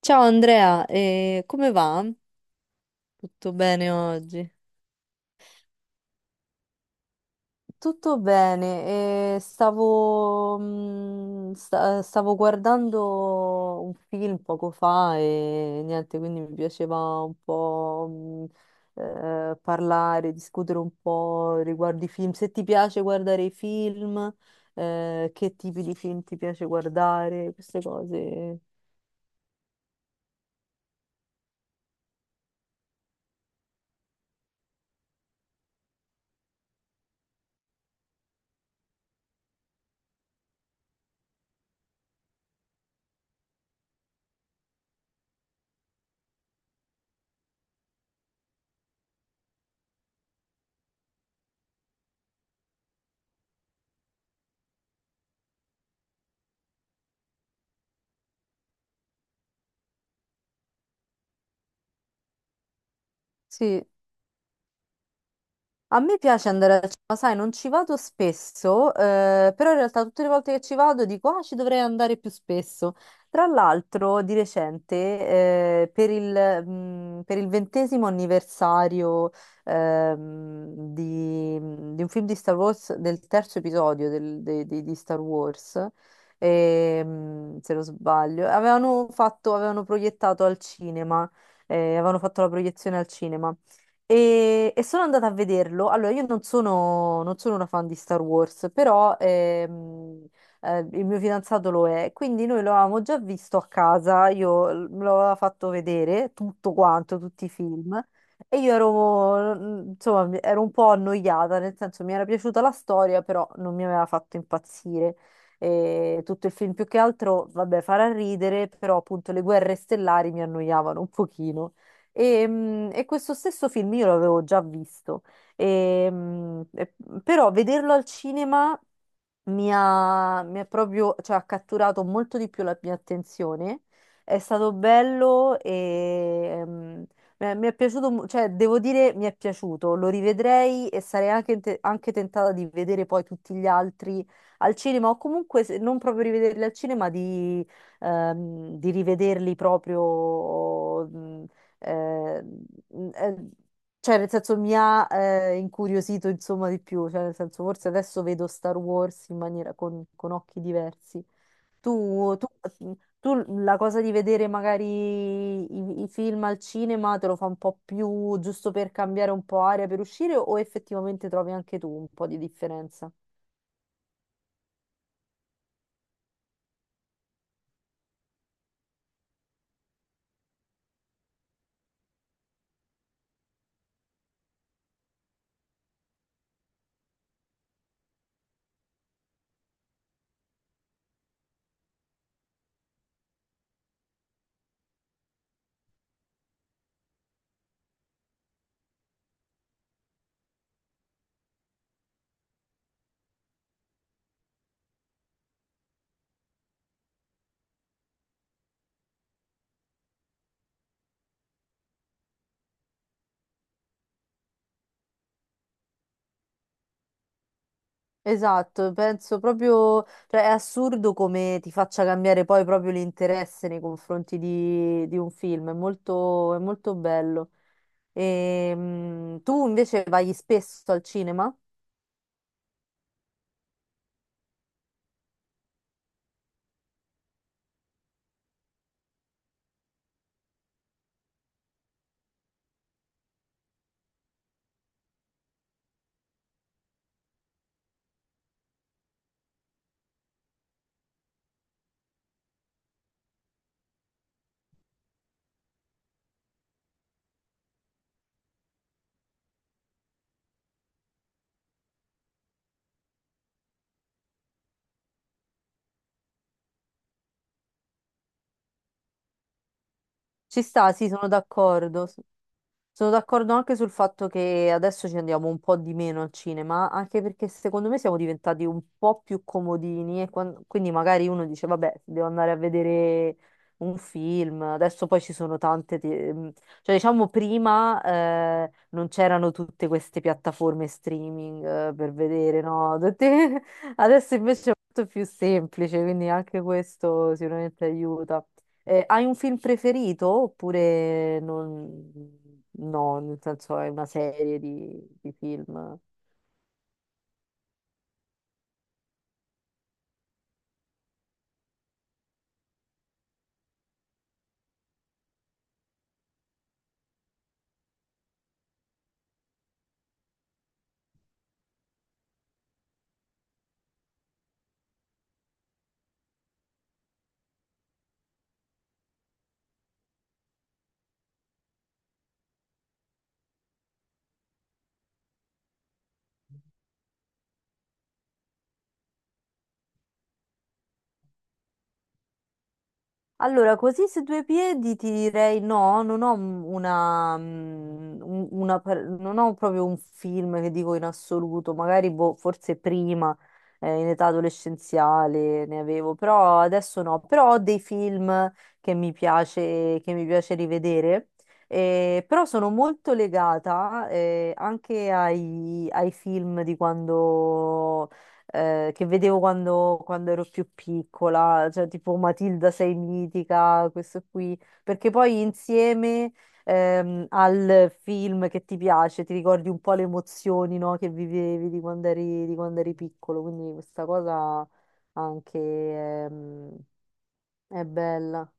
Ciao Andrea, come va? Tutto bene oggi? Tutto bene, e stavo guardando un film poco fa e niente, quindi mi piaceva un po' parlare, discutere un po' riguardo i film. Se ti piace guardare i film, che tipi di film ti piace guardare, queste cose. Sì. A me piace andare al cinema, sai, non ci vado spesso, però in realtà tutte le volte che ci vado dico, ah, ci dovrei andare più spesso. Tra l'altro, di recente, per il ventesimo anniversario, ehm, di, di un film di Star Wars, del terzo episodio di Star Wars, se non sbaglio, avevano proiettato al cinema, avevano fatto la proiezione al cinema. E sono andata a vederlo. Allora, io non sono una fan di Star Wars, però il mio fidanzato lo è, quindi noi lo avevamo già visto a casa, me l'aveva fatto vedere tutto quanto, tutti i film, e insomma, ero un po' annoiata, nel senso mi era piaciuta la storia, però non mi aveva fatto impazzire. E tutto il film più che altro, vabbè, farà ridere, però appunto le guerre stellari mi annoiavano un pochino. E questo stesso film io l'avevo già visto, E, mm, e- però vederlo al cinema mi ha proprio, cioè, ha catturato molto di più la mia attenzione. È stato bello e mi è piaciuto, cioè, devo dire, mi è piaciuto. Lo rivedrei e sarei anche, anche tentata di vedere poi tutti gli altri al cinema, o comunque se non proprio rivederli al cinema, di rivederli proprio. Eh, eh, cioè nel senso mi ha incuriosito insomma di più, cioè nel senso forse adesso vedo Star Wars in maniera con occhi diversi. Tu la cosa di vedere magari i film al cinema te lo fa un po' più giusto per cambiare un po' aria per uscire o effettivamente trovi anche tu un po' di differenza? Esatto, penso proprio, cioè è assurdo come ti faccia cambiare poi proprio l'interesse nei confronti di un film, è molto bello. E tu invece vai spesso al cinema? Ci sta, sì, sono d'accordo. Sono d'accordo anche sul fatto che adesso ci andiamo un po' di meno al cinema, anche perché secondo me siamo diventati un po' più comodini e quindi magari uno dice, vabbè, devo andare a vedere un film, adesso poi ci sono tante, cioè diciamo prima non c'erano tutte queste piattaforme streaming per vedere, no? Tutte- Adesso invece è molto più semplice, quindi anche questo sicuramente aiuta. Hai un film preferito oppure non... no, nel senso è una serie di film? Allora, così su due piedi ti direi no, non ho m- una, mm, un- una par- non ho proprio un film che dico in assoluto, magari boh, forse prima, in età adolescenziale ne avevo, però adesso no, però ho dei film che mi piace rivedere, però sono molto legata, anche ai film di quando che vedevo quando, quando ero più piccola, cioè tipo Matilda sei mitica, questo qui, perché poi insieme al film che ti piace ti ricordi un po' le emozioni, no, che vivevi di quando eri piccolo, quindi questa cosa anche è bella.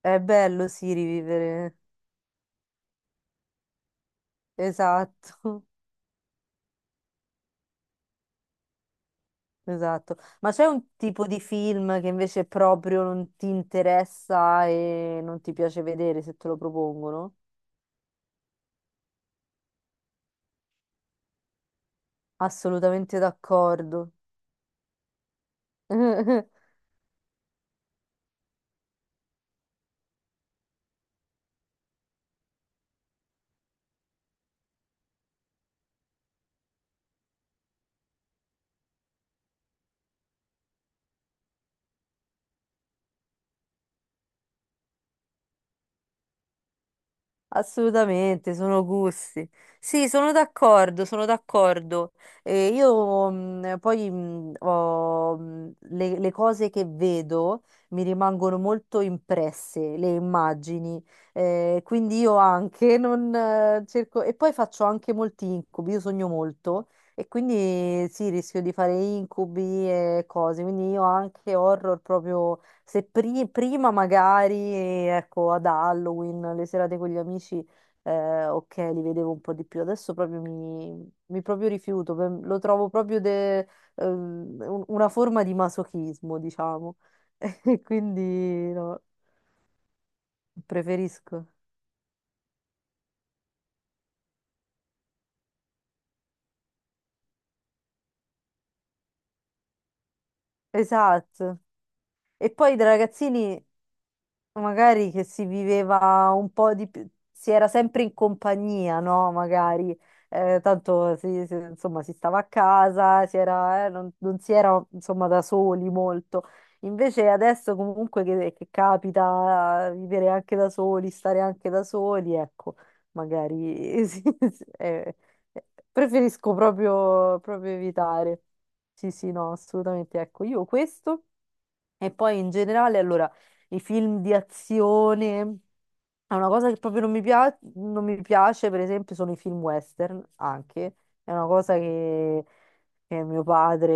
È bello, sì, rivivere. Esatto. Esatto, ma c'è un tipo di film che invece proprio non ti interessa e non ti piace vedere se te lo propongono? Assolutamente d'accordo. Assolutamente, sono gusti. Sì, sono d'accordo, sono d'accordo. E io le cose che vedo mi rimangono molto impresse, le immagini. Quindi io anche non cerco... E poi faccio anche molti incubi, io sogno molto e quindi sì, rischio di fare incubi e cose. Quindi io anche horror proprio se prima magari, ecco, ad Halloween, le serate con gli amici, ok, li vedevo un po' di più. Adesso proprio mi proprio rifiuto, lo trovo proprio una forma di masochismo, diciamo. E quindi no, preferisco. Esatto. E poi da ragazzini magari che si viveva un po' di più, si era sempre in compagnia, no? Magari, tanto insomma, si stava a casa, si era, non si era, insomma, da soli molto. Invece adesso comunque che capita vivere anche da soli, stare anche da soli, ecco, magari sì, sì, eh, preferisco proprio, proprio evitare. Sì, sì, no, assolutamente. Ecco, io questo. E poi in generale, allora, i film di azione. È una cosa che proprio non mi piace, non mi piace, per esempio, sono i film western anche. È una cosa che mio padre,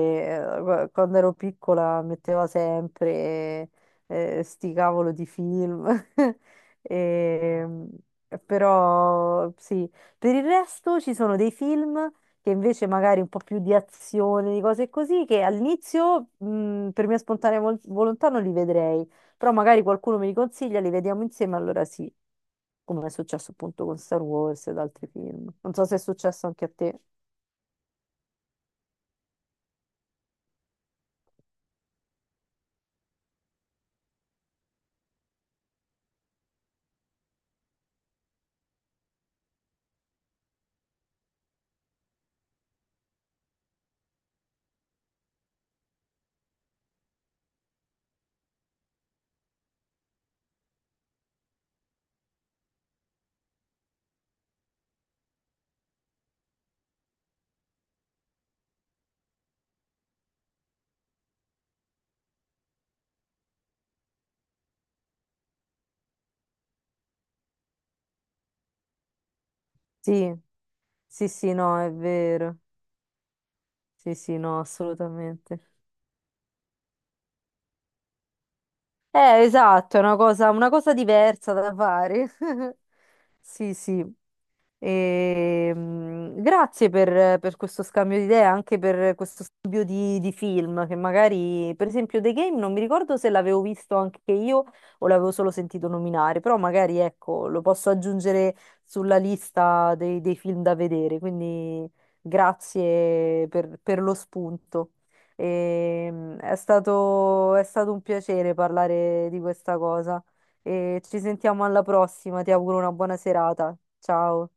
quando ero piccola, metteva sempre sti cavolo di film. E, però sì, per il resto ci sono dei film che invece magari un po' più di azione, di cose così, che all'inizio per mia spontanea volontà non li vedrei però magari qualcuno me li consiglia, li vediamo insieme, allora sì, come è successo appunto con Star Wars ed altri film. Non so se è successo anche a te. Sì, sì, sì, no, è vero. Sì, sì, no, assolutamente. Esatto, è una cosa diversa da fare. Sì, sì. E, grazie per questo scambio di idee, anche per questo scambio di film, che magari, per esempio, The Game non mi ricordo se l'avevo visto anche io o l'avevo solo sentito nominare, però magari ecco, lo posso aggiungere sulla lista dei, dei film da vedere, quindi grazie per lo spunto. E, è stato un piacere parlare di questa cosa e ci sentiamo alla prossima, ti auguro una buona serata. Ciao.